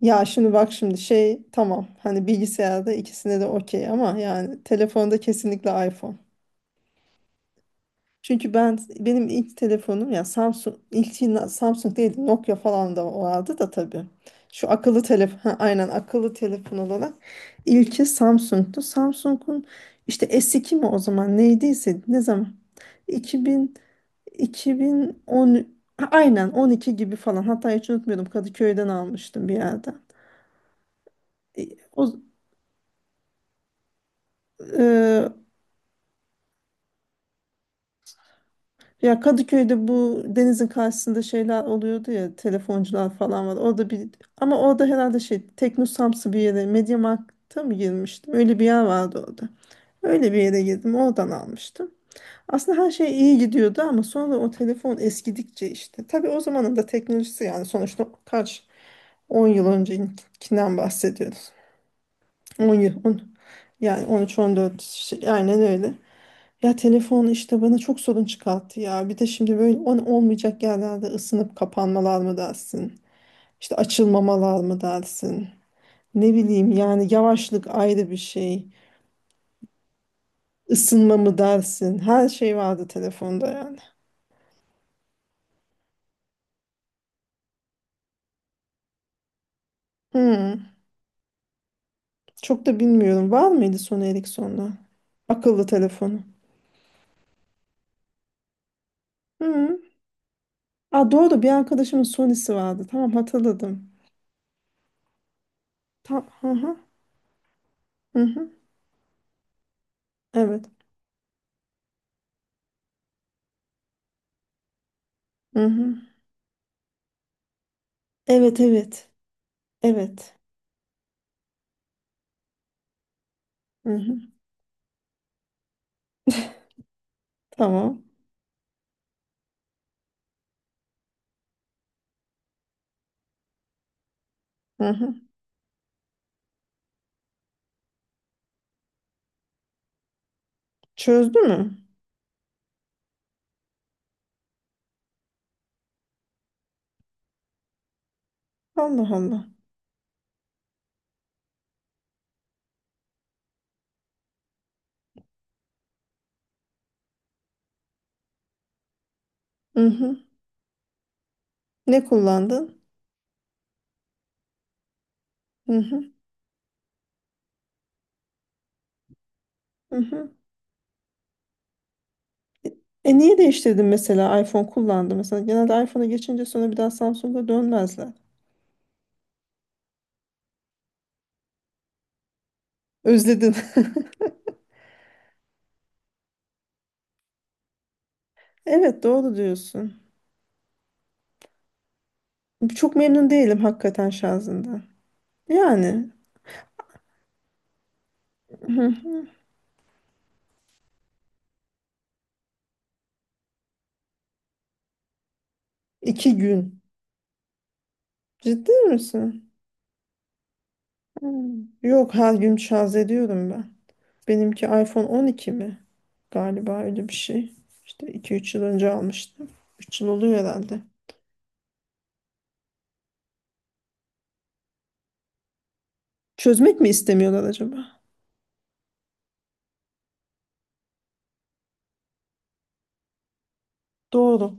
Ya şimdi bak şimdi şey tamam hani bilgisayarda ikisine de okey ama yani telefonda kesinlikle iPhone. Çünkü benim ilk telefonum ya Samsung, ilk yine Samsung değil, Nokia falan da vardı da tabii. Şu akıllı telefon ha, aynen akıllı telefon olarak ilki Samsung'tu. Samsung'un işte S2 mi o zaman neydiyse, ne zaman 2000 2010 ha, aynen 12 gibi falan, hatta hiç unutmuyordum Kadıköy'den almıştım bir yerden. E, O, Ya Kadıköy'de bu denizin karşısında şeyler oluyordu ya, telefoncular falan var. Orada bir, ama orada herhalde şey Teknosamsı bir yere, Mediamarkt'a mı girmiştim? Öyle bir yer vardı orada. Öyle bir yere girdim, oradan almıştım. Aslında her şey iyi gidiyordu ama sonra o telefon eskidikçe işte. Tabii o zamanın da teknolojisi, yani sonuçta kaç, 10 yıl öncekinden bahsediyoruz. 10 yıl, 10, yani 13-14 şey, aynen öyle. Ya telefon işte bana çok sorun çıkarttı ya. Bir de şimdi böyle on olmayacak yerlerde, ısınıp kapanmalar mı dersin? İşte açılmamalar mı dersin? Ne bileyim, yani yavaşlık ayrı bir şey. Isınma mı dersin? Her şey vardı telefonda yani. Hmm, çok da bilmiyorum. Var mıydı Sony Ericsson'da? Akıllı telefonu. Hmm. Aa, doğru, bir arkadaşımın Sony'si vardı. Tamam, hatırladım. Tam, hı hı, hı hı. Evet. Hı hı. Evet, evet. Evet. Hı hı. Tamam. Hı hı. Çözdü mü? Allah Allah. Hı hı. Ne kullandın? Hı hı. Hı hı. E Niye değiştirdin mesela, iPhone kullandı mesela genelde iPhone'a geçince sonra bir daha Samsung'a dönmezler. Özledin. Evet, doğru diyorsun. Çok memnun değilim hakikaten şarjından. Yani, hı. iki gün. Ciddi misin? Hmm. Yok, her gün şarj ediyorum ben. Benimki iPhone 12 mi? Galiba öyle bir şey. İşte 2-3 yıl önce almıştım. 3 yıl oluyor herhalde. Çözmek mi istemiyorlar acaba? Doğru.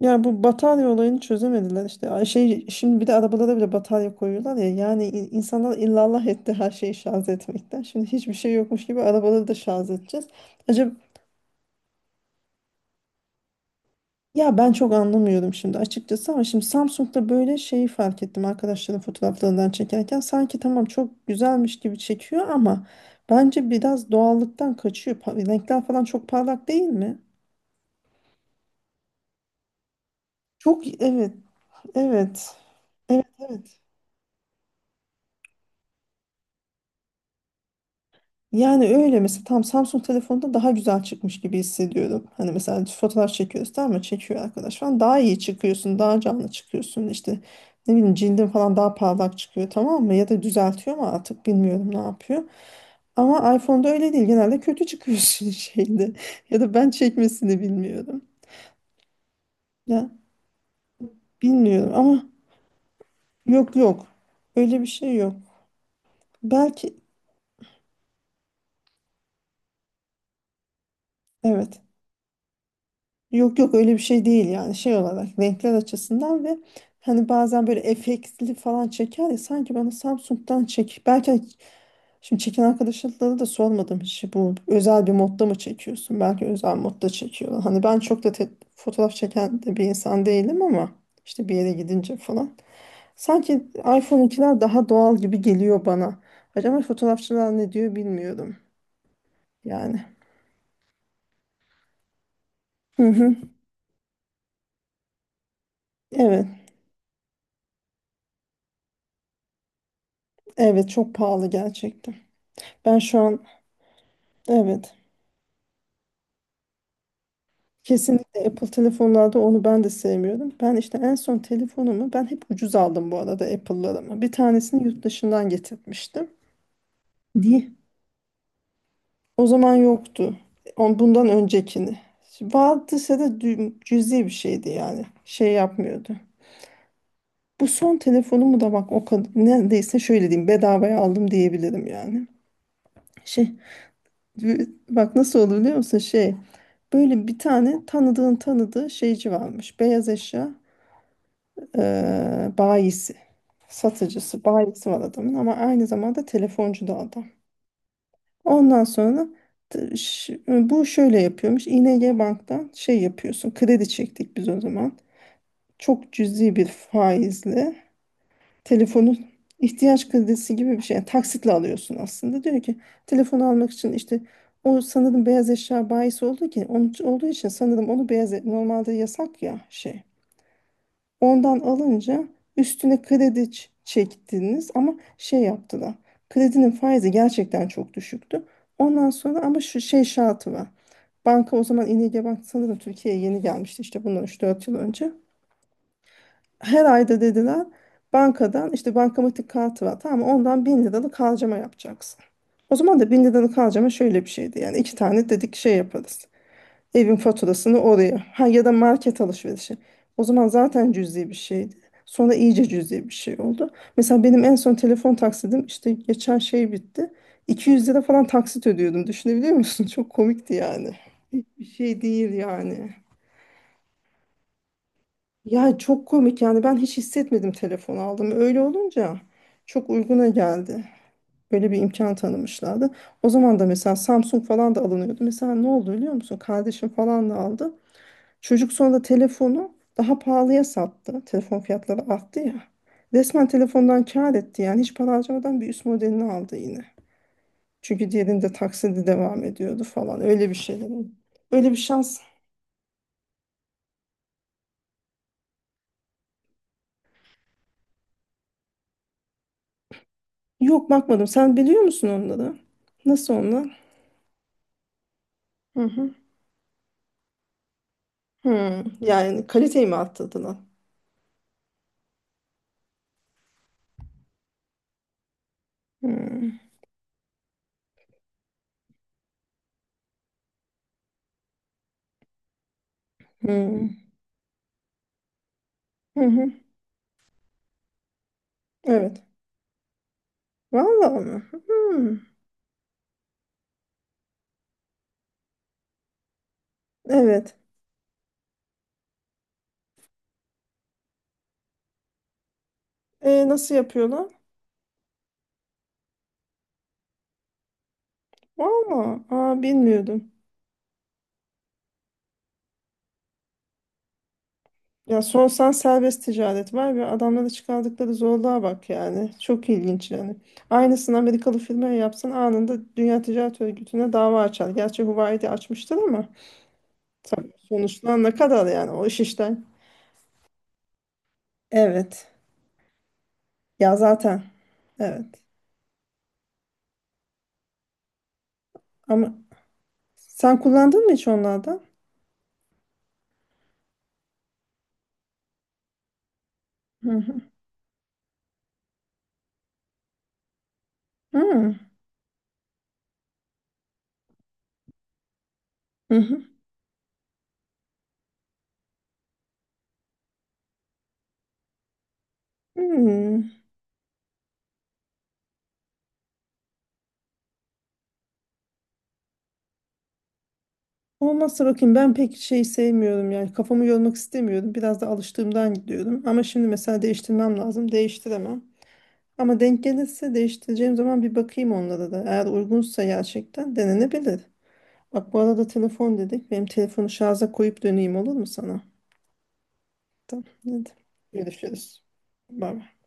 Ya bu batarya olayını çözemediler işte. Ay şey, şimdi bir de arabalara bile batarya koyuyorlar ya. Yani insanlar illallah etti her şeyi şarj etmekten. Şimdi hiçbir şey yokmuş gibi arabaları da şarj edeceğiz. Acaba. Ya ben çok anlamıyorum şimdi açıkçası, ama şimdi Samsung'da böyle şeyi fark ettim, arkadaşların fotoğraflarından çekerken sanki tamam çok güzelmiş gibi çekiyor ama bence biraz doğallıktan kaçıyor. Renkler falan çok parlak değil mi? Çok, evet, evet, evet, evet. Yani öyle, mesela tam Samsung telefonda daha güzel çıkmış gibi hissediyorum. Hani mesela fotoğraf çekiyoruz, tamam mı? Çekiyor arkadaş falan. Daha iyi çıkıyorsun, daha canlı çıkıyorsun. İşte ne bileyim, cildin falan daha parlak çıkıyor, tamam mı? Ya da düzeltiyor mu artık bilmiyorum, ne yapıyor. Ama iPhone'da öyle değil. Genelde kötü çıkıyorsun şeyde. Ya da ben çekmesini bilmiyorum. Ya bilmiyorum ama, yok yok. Öyle bir şey yok. Belki. Evet. Yok yok, öyle bir şey değil, yani şey olarak renkler açısından. Ve hani bazen böyle efektli falan çeker ya, sanki bana Samsung'dan çek. Belki hani şimdi çeken arkadaşlara da sormadım hiç, bu özel bir modda mı çekiyorsun? Belki özel modda çekiyorlar. Hani ben çok da fotoğraf çeken de bir insan değilim ama işte bir yere gidince falan. Sanki iPhone'unkiler daha doğal gibi geliyor bana. Acaba fotoğrafçılar ne diyor bilmiyorum yani. Hı hı. Evet. Evet, çok pahalı gerçekten. Ben şu an. Evet. Kesinlikle Apple telefonlarda onu ben de sevmiyorum. Ben işte en son telefonumu, ben hep ucuz aldım bu arada Apple'larımı. Bir tanesini yurt dışından getirmiştim. Di. O zaman yoktu. On, bundan öncekini. Vardıysa da cüzi bir şeydi yani. Şey yapmıyordu. Bu son telefonumu da bak o kadar, neredeyse şöyle diyeyim, bedavaya aldım diyebilirim yani. Şey Bak nasıl olur biliyor musun, şey, böyle bir tane tanıdığın tanıdığı şeyci varmış. Beyaz eşya e, bayisi, satıcısı, bayisi var adamın, ama aynı zamanda telefoncu da adam. Ondan sonra bu şöyle yapıyormuş. ING Bank'tan şey yapıyorsun. Kredi çektik biz o zaman. Çok cüzi bir faizle telefonu, ihtiyaç kredisi gibi bir şey. Yani taksitle alıyorsun aslında. Diyor ki telefonu almak için işte, o sanırım beyaz eşya bayisi olduğu, ki onun için- olduğu için sanırım onu beyaz e- normalde yasak ya şey. Ondan alınca üstüne kredi çektiniz, ama şey yaptılar. Kredinin faizi gerçekten çok düşüktü. Ondan sonra ama şu şey şartı var. Banka o zaman İNG Bank sanırım Türkiye'ye yeni gelmişti, işte bundan 3-4 yıl önce. Her ayda dediler bankadan, işte bankamatik kartı var tamam mı, ondan 1.000 liralık harcama yapacaksın. O zaman da 1.000 liralık harcama şöyle bir şeydi yani, iki tane dedik şey yaparız. Evin faturasını oraya. Ha ya da market alışverişi. O zaman zaten cüzi bir şeydi. Sonra iyice cüzi bir şey oldu. Mesela benim en son telefon taksidim işte geçen şey bitti. 200 lira falan taksit ödüyordum. Düşünebiliyor musun? Çok komikti yani. Hiçbir şey değil yani. Ya çok komik yani, ben hiç hissetmedim telefon aldım. Öyle olunca çok uyguna geldi. Böyle bir imkan tanımışlardı. O zaman da mesela Samsung falan da alınıyordu. Mesela ne oldu biliyor musun? Kardeşim falan da aldı. Çocuk sonra telefonu daha pahalıya sattı. Telefon fiyatları arttı ya. Resmen telefondan kâr etti yani, hiç para harcamadan bir üst modelini aldı yine. Çünkü diğerinde taksidi devam ediyordu falan, öyle bir şeyler. Öyle bir şans. Yok, bakmadım. Sen biliyor musun onları? Nasıl onlar? Hı hı. Hı. Yani kaliteyi mi arttırdılar? Hı. Hı. Hı hı. Evet. Vallahi mi? Hı. Evet. E, nasıl yapıyorlar? Vallahi. Aa, bilmiyordum. Ya sorsan serbest ticaret var, ve adamlara çıkardıkları zorluğa bak yani. Çok ilginç yani. Aynısını Amerikalı firmaya yapsan anında Dünya Ticaret Örgütü'ne dava açar. Gerçi Huawei'de açmıştır ama tabii sonuçlar ne kadar, yani o iş işten. Evet. Ya zaten. Evet. Ama sen kullandın mı hiç onlardan? Hı hı. Hı hı. Hı. Hmm. Olmazsa bakayım, ben pek şey sevmiyorum yani, kafamı yormak istemiyorum. Biraz da alıştığımdan gidiyorum. Ama şimdi mesela değiştirmem lazım. Değiştiremem. Ama denk gelirse değiştireceğim zaman bir bakayım onlara da. Eğer uygunsa gerçekten denenebilir. Bak bu arada telefon dedik. Benim telefonu şarja koyup döneyim, olur mu sana? Tamam. Hadi. Görüşürüz. Bay bay.